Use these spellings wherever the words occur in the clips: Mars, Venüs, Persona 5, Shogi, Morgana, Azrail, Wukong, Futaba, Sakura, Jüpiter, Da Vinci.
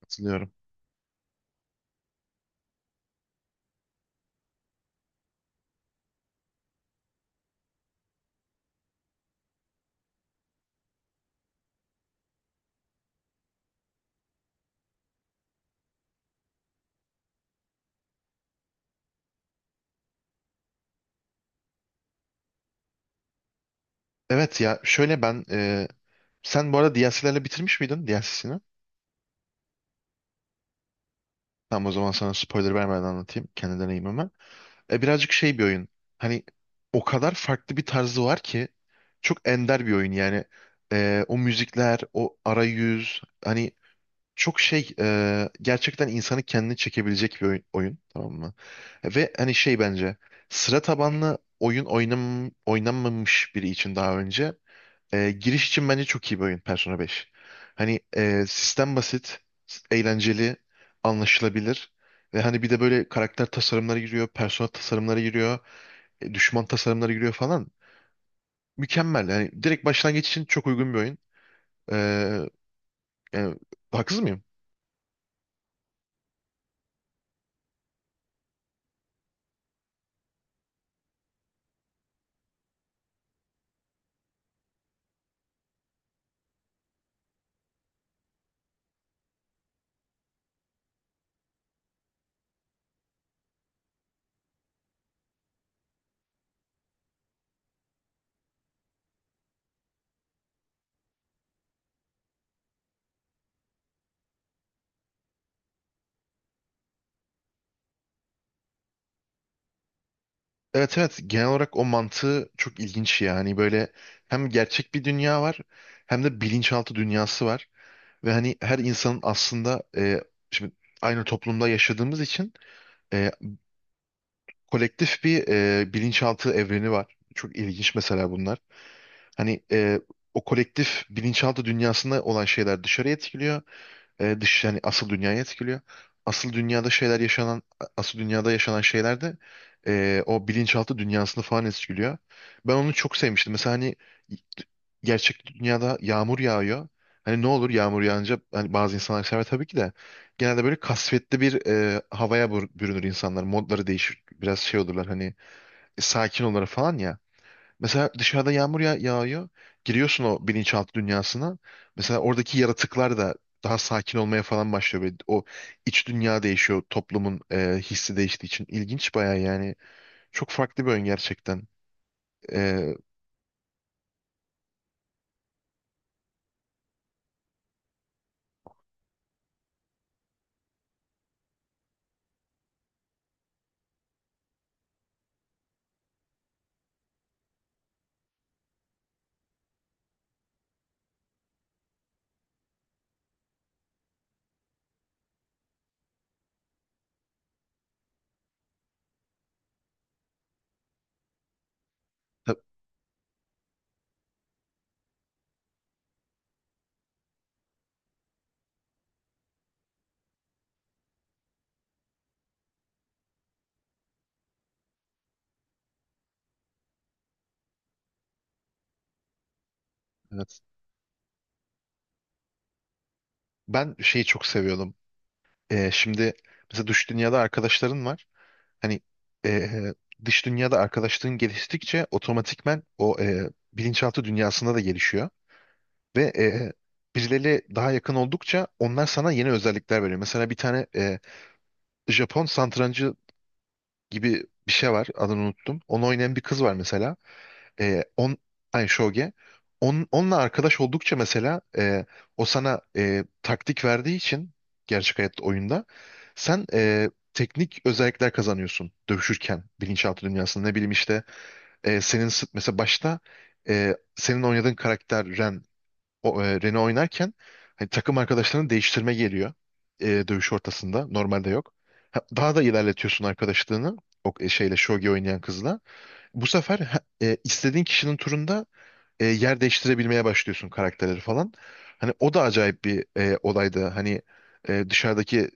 Katılıyorum. Evet ya şöyle ben sen bu arada DLC'lerle bitirmiş miydin DLC'sini? Tamam o zaman sana spoiler vermeden anlatayım kendi deneyimimi. Birazcık şey bir oyun. Hani o kadar farklı bir tarzı var ki çok ender bir oyun yani. O müzikler, o arayüz hani çok şey gerçekten insanı kendini çekebilecek bir oyun tamam mı? Ve hani şey bence sıra tabanlı oynanmamış biri için daha önce giriş için bence çok iyi bir oyun Persona 5. Hani sistem basit, eğlenceli, anlaşılabilir. Ve hani bir de böyle karakter tasarımları giriyor, persona tasarımları giriyor, düşman tasarımları giriyor falan. Mükemmel. Yani direkt başlangıç için çok uygun bir oyun. E, Yani haksız mıyım? Evet, evet, genel olarak o mantığı çok ilginç yani böyle hem gerçek bir dünya var hem de bilinçaltı dünyası var ve hani her insanın aslında şimdi aynı toplumda yaşadığımız için e, kolektif bir bilinçaltı evreni var. Çok ilginç mesela bunlar. Hani o kolektif bilinçaltı dünyasında olan şeyler dışarıya etkiliyor. Dış yani asıl dünyayı etkiliyor. Asıl dünyada şeyler yaşanan asıl dünyada yaşanan şeyler de o bilinçaltı dünyasını falan etkiliyor. Ben onu çok sevmiştim. Mesela hani gerçek dünyada yağmur yağıyor. Hani ne olur yağmur yağınca hani bazı insanlar sever tabii ki de genelde böyle kasvetli bir havaya bürünür insanlar. Modları değişir. Biraz şey olurlar hani sakin olur falan ya. Mesela dışarıda yağmur ya yağıyor. Giriyorsun o bilinçaltı dünyasına. Mesela oradaki yaratıklar da daha sakin olmaya falan başlıyor. Böyle o iç dünya değişiyor. Toplumun hissi değiştiği için. İlginç baya yani. Çok farklı bir oyun gerçekten. E, ta- evet. Ben şeyi çok seviyordum. Şimdi mesela dış dünyada arkadaşların var. Hani e, dış dünyada arkadaşlığın geliştikçe otomatikmen o bilinçaltı dünyasında da gelişiyor. Ve birileriyle daha yakın oldukça onlar sana yeni özellikler veriyor. Mesela bir tane Japon satrancı gibi bir şey var. Adını unuttum. Onu oynayan bir kız var mesela. E, on, Ay, Shoge. Onunla arkadaş oldukça mesela o sana taktik verdiği için gerçek hayatta oyunda sen teknik özellikler kazanıyorsun dövüşürken bilinçaltı dünyasında. Ne bileyim işte mesela başta senin oynadığın karakter Ren Rene oynarken hani takım arkadaşlarını değiştirme geliyor dövüş ortasında. Normalde yok. Ha, daha da ilerletiyorsun arkadaşlığını o şeyle Shogi oynayan kızla. Bu sefer ha, istediğin kişinin turunda yer değiştirebilmeye başlıyorsun karakterleri falan. Hani o da acayip bir olaydı. Hani dışarıdaki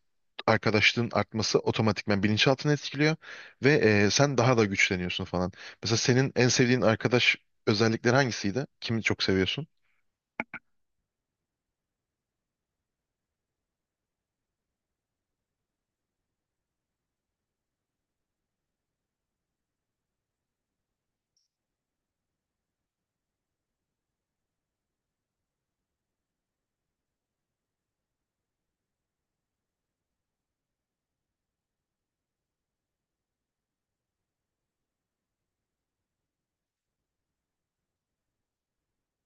arkadaşlığın artması otomatikman bilinçaltını etkiliyor ve sen daha da güçleniyorsun falan. Mesela senin en sevdiğin arkadaş özellikleri hangisiydi? Kimi çok seviyorsun?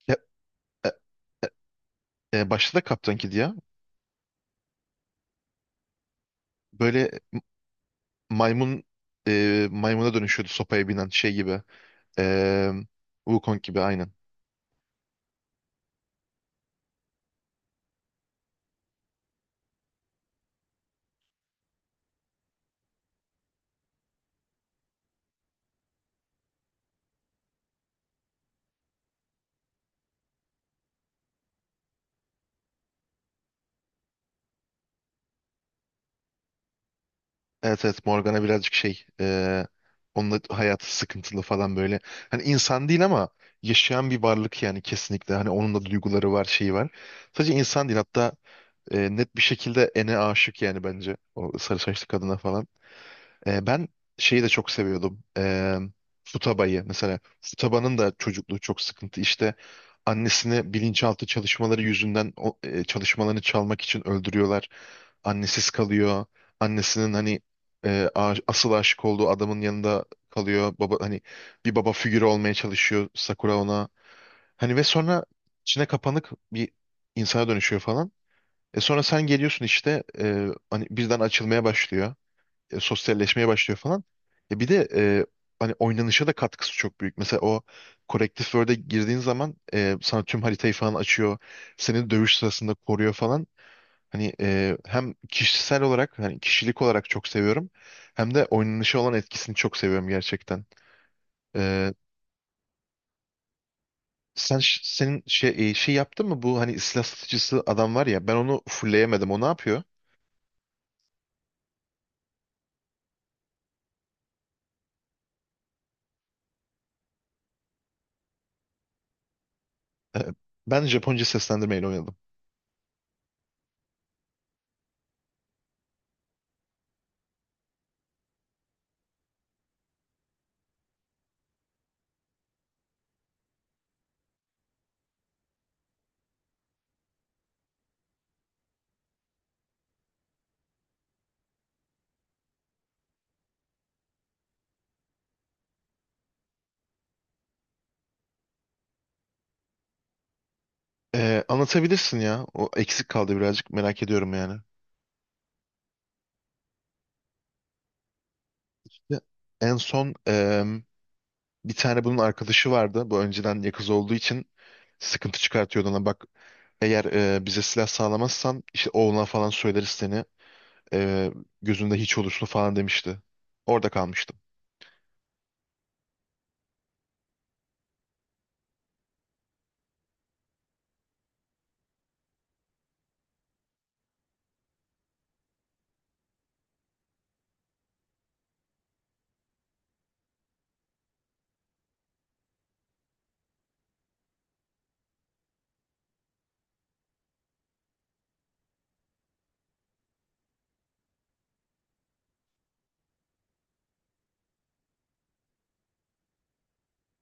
Ya, e, başta da Kaptan Kid ya. Böyle maymun maymuna dönüşüyordu sopaya binen şey gibi. E, Wukong gibi aynen. Evet, evet, Morgana birazcık şey onun da hayatı sıkıntılı falan böyle. Hani insan değil ama yaşayan bir varlık yani kesinlikle. Hani onun da duyguları var şeyi var. Sadece insan değil hatta net bir şekilde Ene aşık yani bence. O sarı saçlı kadına falan. Ben şeyi de çok seviyordum. Futaba'yı mesela. Futaba'nın da çocukluğu çok sıkıntı. İşte annesini bilinçaltı çalışmaları yüzünden çalışmalarını çalmak için öldürüyorlar. Annesiz kalıyor. Annesinin hani asıl aşık olduğu adamın yanında kalıyor. Baba hani bir baba figürü olmaya çalışıyor Sakura ona. Hani ve sonra içine kapanık bir insana dönüşüyor falan. Sonra sen geliyorsun işte hani birden açılmaya başlıyor sosyalleşmeye başlıyor falan. Bir de hani oynanışa da katkısı çok büyük. Mesela o Corrective Word'e girdiğin zaman sana tüm haritayı falan açıyor. Seni dövüş sırasında koruyor falan. Hani hem kişisel olarak hani kişilik olarak çok seviyorum. Hem de oynanışa olan etkisini çok seviyorum gerçekten. E, sen ş- senin şey e, şey yaptın mı bu hani silah satıcısı adam var ya ben onu fullleyemedim. O ne yapıyor? E, Ben Japonca seslendirmeyle oynadım. Anlatabilirsin ya. O eksik kaldı birazcık merak ediyorum yani. Ya, en son bir tane bunun arkadaşı vardı. Bu önceden yakız olduğu için sıkıntı çıkartıyordu ona. Bak eğer bize silah sağlamazsan işte oğluna falan söyleriz seni. Eee, Gözünde hiç olursun falan demişti. Orada kalmıştım.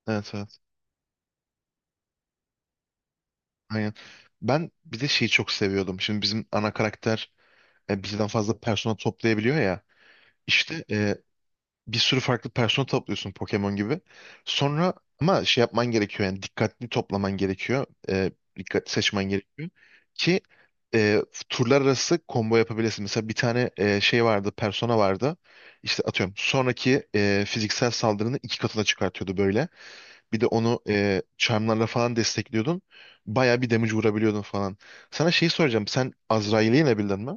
Evet, evet. Aynen. Ben bir de şeyi çok seviyordum. Şimdi bizim ana karakter birden fazla persona toplayabiliyor ya. İşte bir sürü farklı persona topluyorsun Pokemon gibi. Sonra ama şey yapman gerekiyor yani dikkatli toplaman gerekiyor. Dikkatli seçmen gerekiyor. Ki e, turlar arası combo yapabilirsin. Mesela bir tane şey vardı, persona vardı. İşte atıyorum sonraki fiziksel saldırını iki katına çıkartıyordu böyle. Bir de onu charmlarla falan destekliyordun. Bayağı bir damage vurabiliyordun falan. Sana şeyi soracağım. Sen Azrail'i yenebildin mi?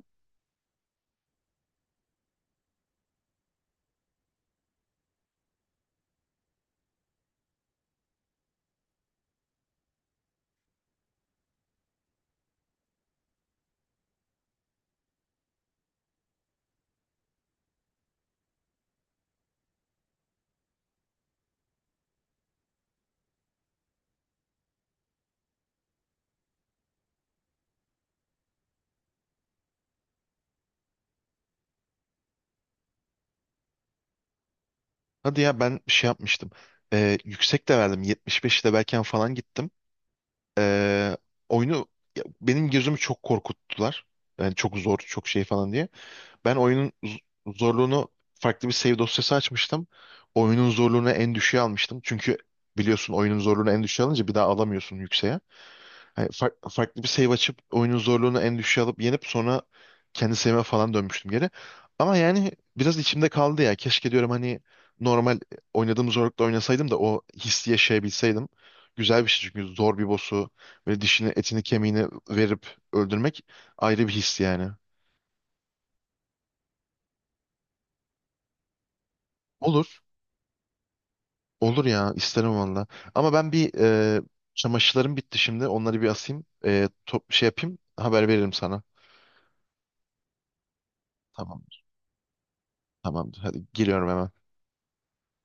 Hadi ya ben şey yapmıştım. Yüksek de verdim. 75 de belki falan gittim. E, Oyunu ya, benim gözümü çok korkuttular. Yani çok zor, çok şey falan diye. Ben oyunun zorluğunu farklı bir save dosyası açmıştım. Oyunun zorluğunu en düşüğe almıştım. Çünkü biliyorsun oyunun zorluğunu en düşüğe alınca bir daha alamıyorsun yükseğe. Hani farklı bir save açıp oyunun zorluğunu en düşüğe alıp yenip sonra kendi save'e falan dönmüştüm geri. Ama yani biraz içimde kaldı ya. Keşke diyorum hani normal oynadığım zorlukta oynasaydım da o hissi yaşayabilseydim. Güzel bir şey çünkü zor bir boss'u böyle dişini etini kemiğini verip öldürmek ayrı bir his yani. Olur. Olur ya isterim valla. Ama ben bir çamaşırlarım bitti şimdi. Onları bir asayım. Şey yapayım. Haber veririm sana. Tamamdır. Tamamdır. Hadi giriyorum hemen.